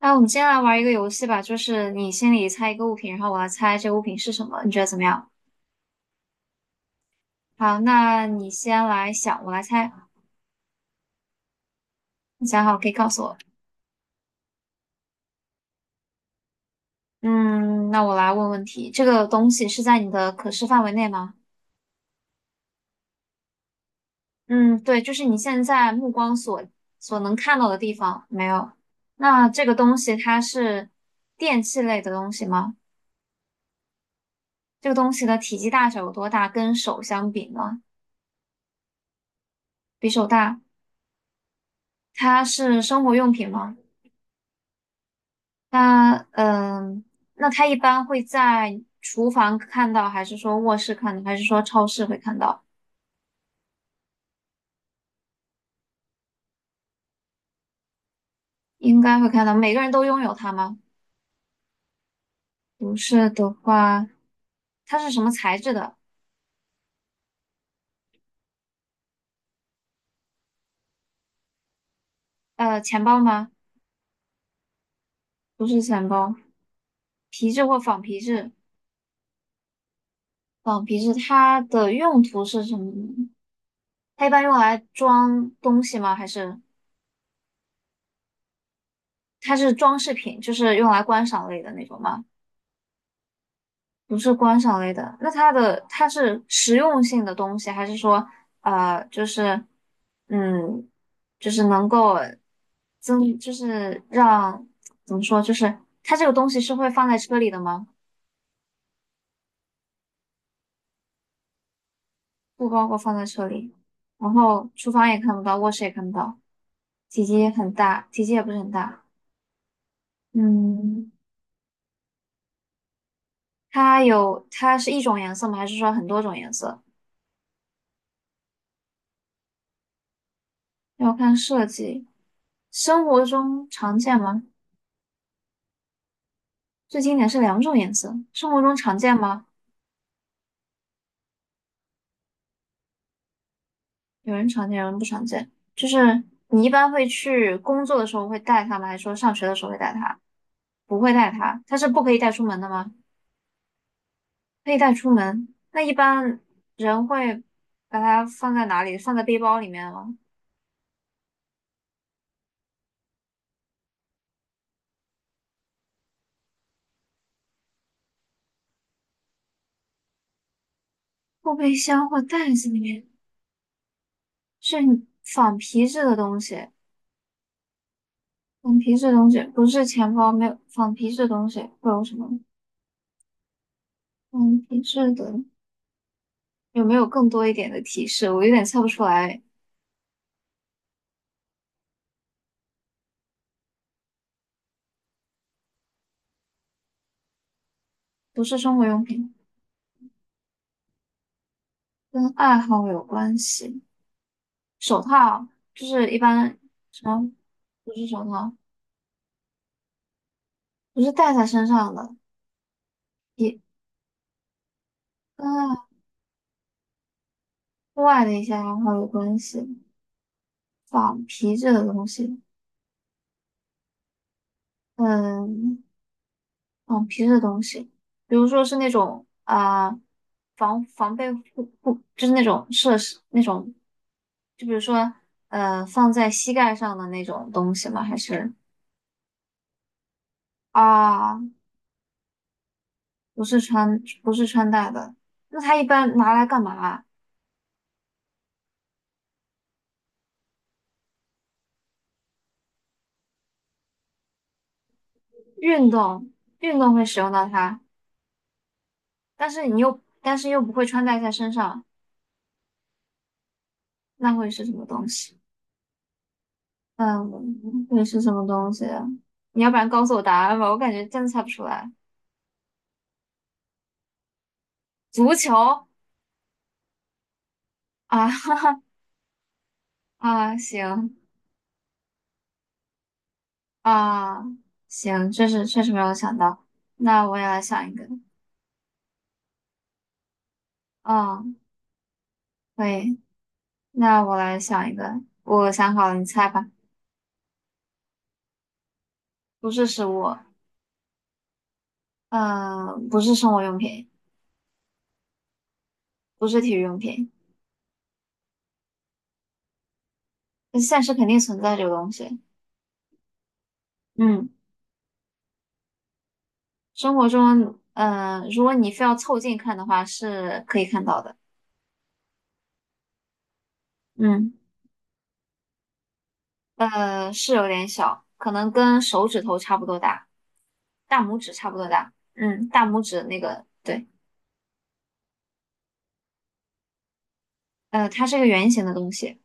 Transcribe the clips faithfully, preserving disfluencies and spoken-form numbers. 那我们先来玩一个游戏吧，就是你心里猜一个物品，然后我来猜这个物品是什么，你觉得怎么样？好，那你先来想，我来猜。你想好可以告诉我。嗯，那我来问问题，这个东西是在你的可视范围内吗？嗯，对，就是你现在目光所所能看到的地方，没有。那这个东西它是电器类的东西吗？这个东西的体积大小有多大？跟手相比呢？比手大。它是生活用品吗？那嗯，那他一般会在厨房看到，还是说卧室看到，还是说超市会看到？应该会看到。每个人都拥有它吗？不是的话，它是什么材质的？呃，钱包吗？不是钱包，皮质或仿皮质。仿皮质它的用途是什么呢？它一般用来装东西吗？还是它是装饰品，就是用来观赏类的那种吗？不是观赏类的，那它的它是实用性的东西，还是说呃，就是嗯，就是能够增，就是让怎么说，就是它这个东西是会放在车里的吗？不包括放在车里，然后厨房也看不到，卧室也看不到，体积也很大，体积也不是很大。嗯，它有它是一种颜色吗？还是说很多种颜色？要看设计。生活中常见吗？最经典是两种颜色，生活中常见吗？有人常见，有人不常见。就是你一般会去工作的时候会带它吗？还是说上学的时候会带它？不会带它，它是不可以带出门的吗？可以带出门。那一般人会把它放在哪里？放在背包里面吗？后备箱或袋子里面？是仿皮质的东西，仿皮质的东西不是钱包，没有仿皮质的东西会有什么？仿皮质的有没有更多一点的提示？我有点猜不出来。不是生活用品，跟爱好有关系。手套就是一般什么？不是手套，不是戴在身上的，也跟户外的一些爱好有关系。仿皮质的东西，嗯，仿皮质的东西，比如说是那种啊、呃防防备护护，就是那种设施那种，就比如说呃放在膝盖上的那种东西吗？还是啊？不是穿，不是穿戴的。那它一般拿来干嘛？运动，运动会使用到它，但是你又，但是又不会穿戴在身上，那会是什么东西？嗯，会是什么东西啊？你要不然告诉我答案吧，我感觉真的猜不出来。足球？啊，哈哈，啊，行，啊，行，确实确实没有想到。那我也来想一个，嗯，可以，那我来想一个，我想好了，你猜吧。不是食物，嗯，不是生活用品，不是体育用品，但现实肯定存在这个东西。嗯，生活中，嗯，如果你非要凑近看的话，是可以看到的。嗯，呃，是有点小，可能跟手指头差不多大，大拇指差不多大。嗯，大拇指那个，对，呃，它是个圆形的东西。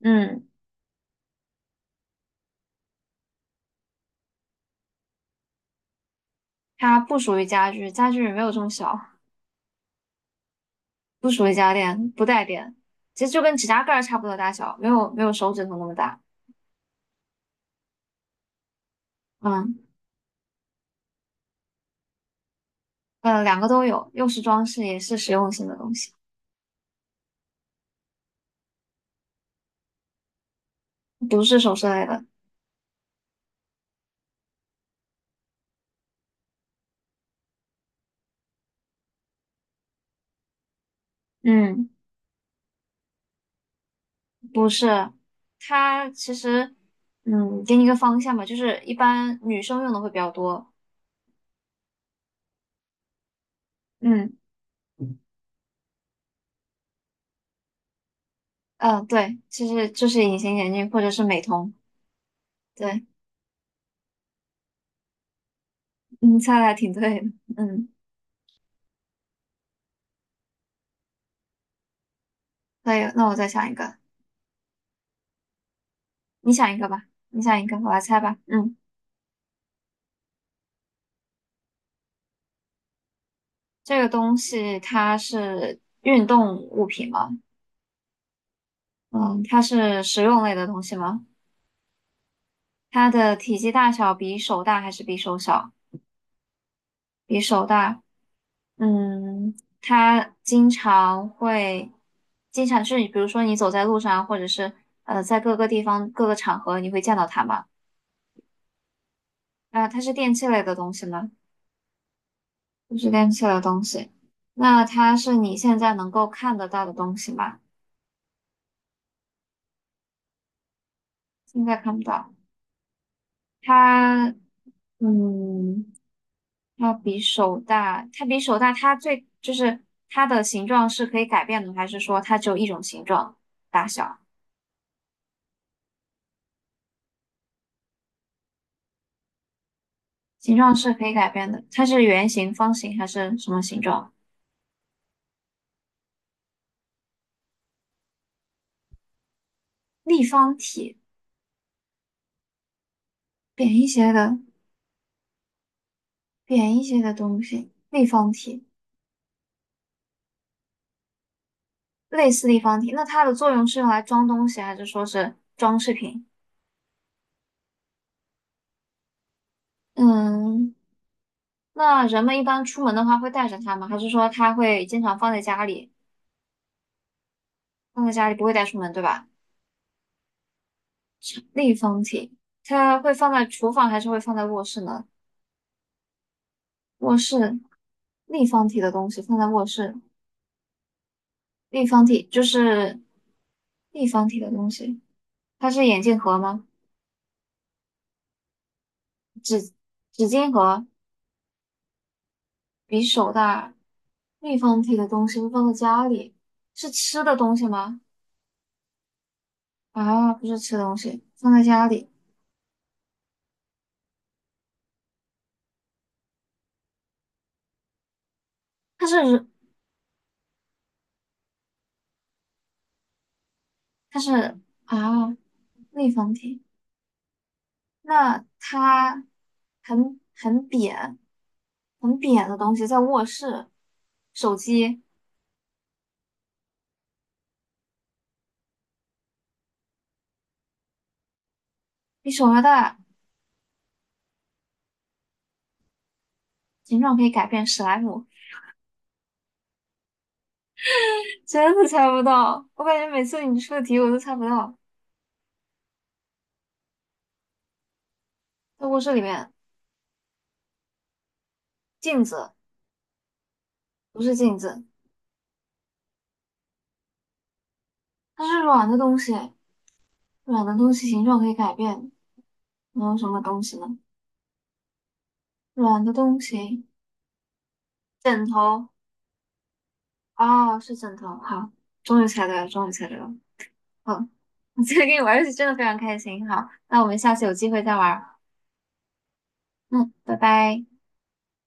嗯，它不属于家具，家具没有这么小，不属于家电，不带电，其实就跟指甲盖儿差不多大小，没有没有手指头那么大。嗯。呃，两个都有，又是装饰，也是实用性的东西，不是首饰类的。嗯，不是，它其实，嗯，给你一个方向吧，就是一般女生用的会比较多。嗯，嗯、对，其实就是隐形眼镜或者是美瞳。对，你猜的还挺对的。嗯，可以，那我再想一个，你想一个吧，你想一个，我来猜吧。嗯，这个东西它是运动物品吗？嗯，它是实用类的东西吗？它的体积大小比手大还是比手小？比手大。嗯，它经常会，经常是比如说你走在路上，或者是呃在各个地方、各个场合，你会见到它吗？啊、它是电器类的东西吗？不是电器类的东西。那它是你现在能够看得到的东西吗？现在看不到。它，嗯。它比手大，它比手大，它最就是它的形状是可以改变的，还是说它只有一种形状大小？形状是可以改变的，它是圆形、方形还是什么形状？立方体，扁一些的，扁一些的东西，立方体，类似立方体。那它的作用是用来装东西，还是说是装饰品？嗯，那人们一般出门的话会带着它吗？还是说它会经常放在家里，放在家里不会带出门，对吧？立方体，它会放在厨房还是会放在卧室呢？卧室，立方体的东西放在卧室，立方体就是立方体的东西，它是眼镜盒吗？纸巾盒？比手大，立方体的东西会放在家里，是吃的东西吗？啊，不是吃的东西，放在家里，它是它是啊，立方体。那它很很扁，很扁的东西在卧室，手机？比手还大，形状可以改变？史莱姆？真的猜不到。我感觉每次你出的题我都猜不到。在卧室里面，镜子？不是镜子，它是软的东西，软的东西形状可以改变，能有什么东西呢？软的东西，枕头？啊，是枕头。好，终于猜对了，终于猜对了。好，我今天跟你玩儿游戏真的非常开心。好，那我们下次有机会再玩儿。嗯，拜拜。